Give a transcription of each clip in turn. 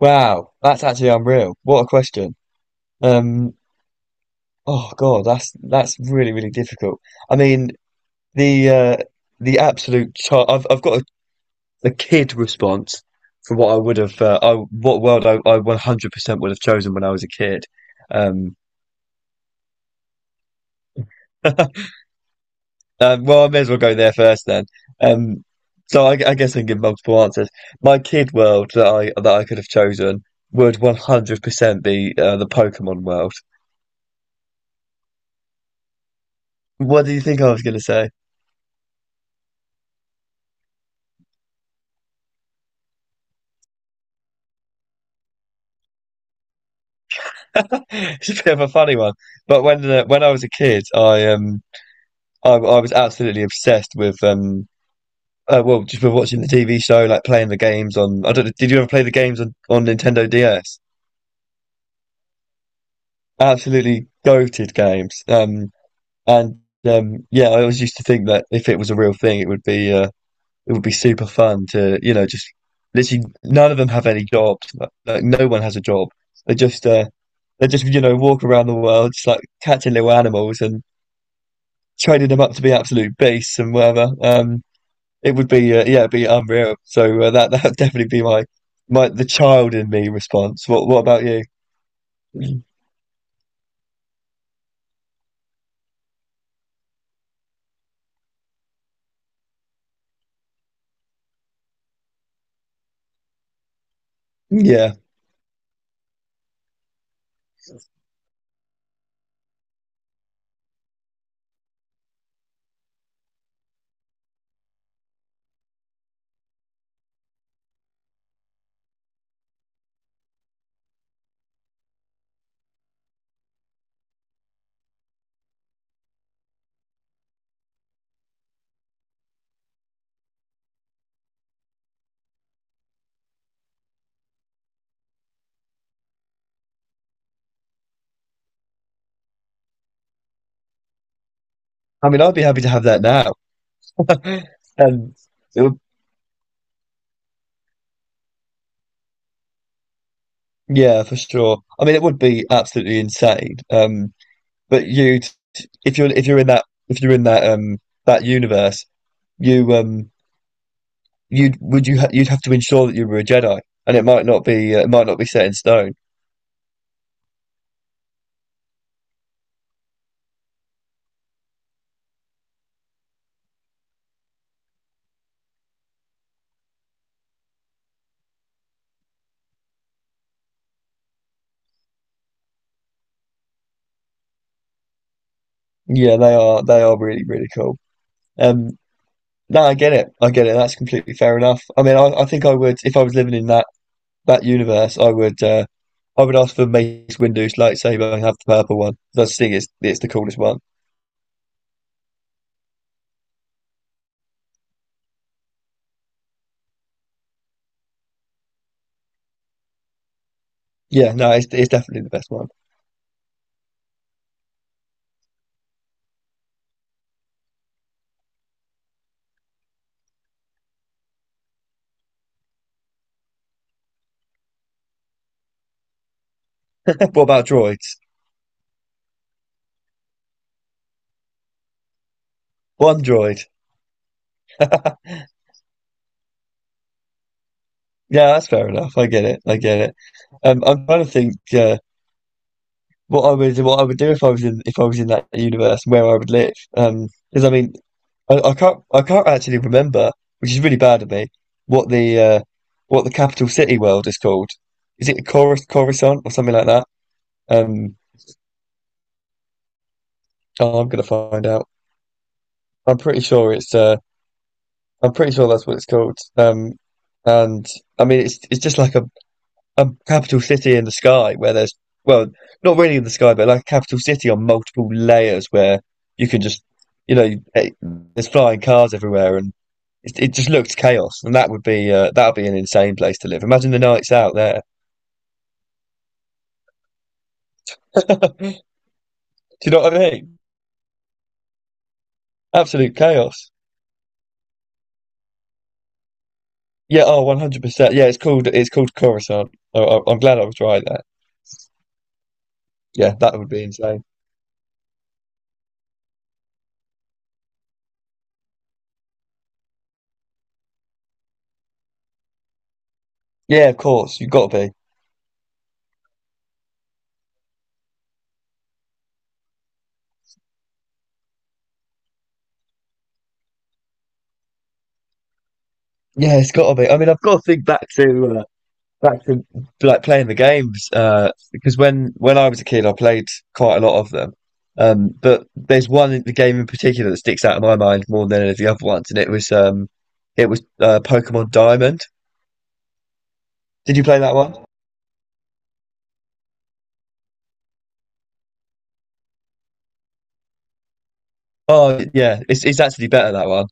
Wow, that's actually unreal. What a question. Um, oh God, that's really difficult. I mean, the uh, the absolute char I've got a kid response for what I would have I what world I 100% would have chosen when I was a kid. Um, well, I may as well go there first then. Um, so I guess I can give multiple answers. My kid world that I could have chosen would 100% be the Pokemon world. What do you think I was going to say? It's a bit of a funny one, but when I was a kid, I was absolutely obsessed with just with watching the TV show, like playing the games on. I don't know, did you ever play the games on Nintendo DS? Absolutely goated games. And yeah, I always used to think that if it was a real thing, it would be super fun to you know just literally none of them have any jobs. Like no one has a job. They just uh they just you know walk around the world just like catching little animals and training them up to be absolute beasts and whatever. It would be yeah, it'd be unreal. So that that would definitely be my my the child in me response. What about you? Yeah, I mean, I'd be happy to have that now, and it would yeah, for sure. I mean, it would be absolutely insane. But you if you're in that that universe, you um you'd you'd have to ensure that you were a Jedi, and it might not be it might not be set in stone. Yeah, they are really cool. Um, no, I get it. I get it. That's completely fair enough. I mean, I think I would, if I was living in that universe, I would ask for Mace Windu's lightsaber and have the purple one. I just think it's the coolest one. Yeah, no, it's definitely the best one. What about droids? One droid. Yeah, that's fair enough. I get it. I get it. I'm trying to think what I would do if I was in that universe where I would live. Because I mean, I can't actually remember, which is really bad of me, what the uh, what the capital city world is called. Is it Coruscant or something like that? Um, oh, I'm gonna find out. I'm pretty sure it's I'm pretty sure that's what it's called. And I mean it's just like a capital city in the sky where there's well not really in the sky but like a capital city on multiple layers where you can just you know there's flying cars everywhere and it just looked chaos, and that would be an insane place to live. Imagine the nights out there. Do you know what I mean? Absolute chaos. Yeah. Oh, 100%. Yeah. It's called Coruscant. Oh, I- I'm glad I was right there. Yeah, that would be insane. Yeah, of course. You've got to be. Yeah, it's got to be. I mean, I've got to think back to back to like playing the games because when I was a kid, I played quite a lot of them. But there's one in the game in particular that sticks out in my mind more than any of the other ones, and it was Pokemon Diamond. Did you play that one? Oh, yeah. It's actually better that one.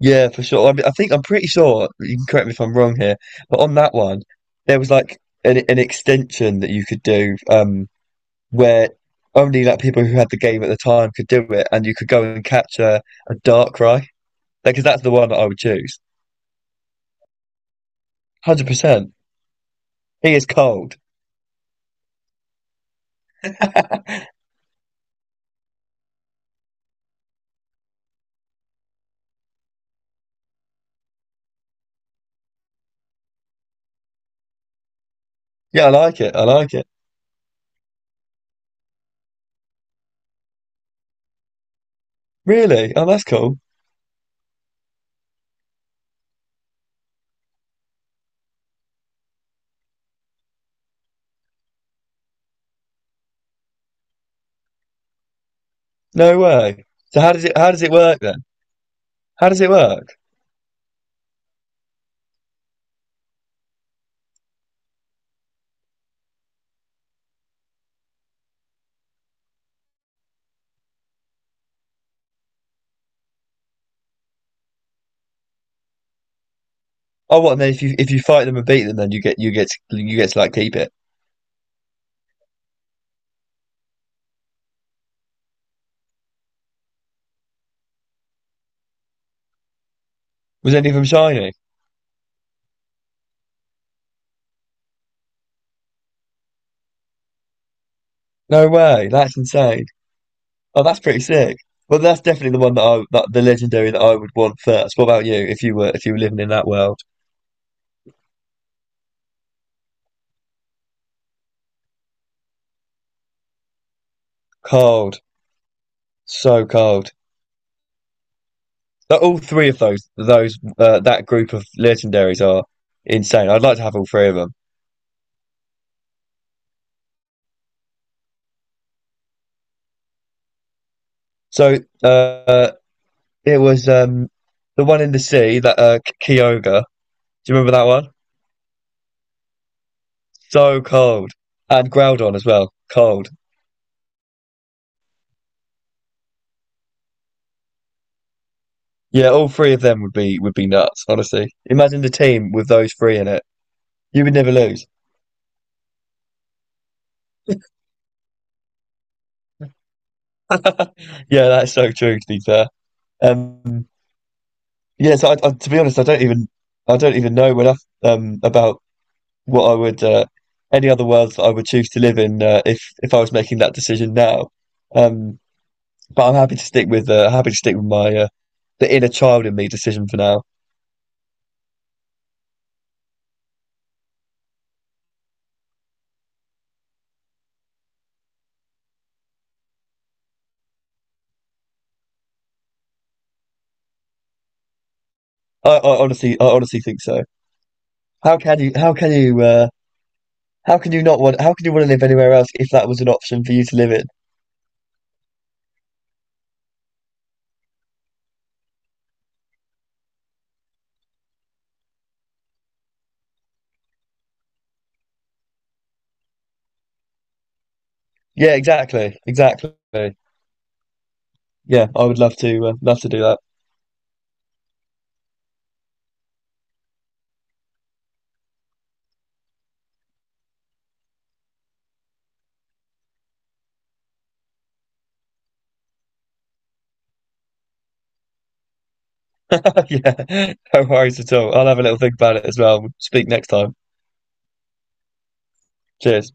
Yeah, for sure. I mean, I think I'm pretty sure. You can correct me if I'm wrong here, but on that one, there was like an extension that you could do, where only like people who had the game at the time could do it, and you could go and capture a Darkrai. Because that's the one that I would choose. 100%. He is cold. Yeah, I like it. I like it. Really? Oh, that's cool. No way. So how does it work then? How does it work? Oh, what? And then if you fight them and beat them, then you get to like keep it. Was any of them shiny? No way. That's insane. Oh, that's pretty sick. Well, that's definitely the one that the legendary that I would want first. What about you? If you were living in that world, cold, so cold. Like, all three of those that group of legendaries are insane. I'd like to have all three of them. So it was the one in the sea that Kyogre. Do you remember that one? So cold and Groudon as well. Cold. Yeah, all three of them would be nuts, honestly. Imagine the team with those three in it. You would never lose. Yeah, that's so true, to be fair. Um, yeah, so to be honest, I don't even know enough about what I would any other worlds that I would choose to live in if I was making that decision now. Um, but I'm happy to stick with happy to stick with my the inner child in me decision for now. I honestly think so. How can you how can you How can you not want, how can you want to live anywhere else if that was an option for you to live in? Yeah, exactly. Exactly. Yeah, I would love to love to do that. Yeah, no worries at all. I'll have a little think about it as well. Speak next time. Cheers.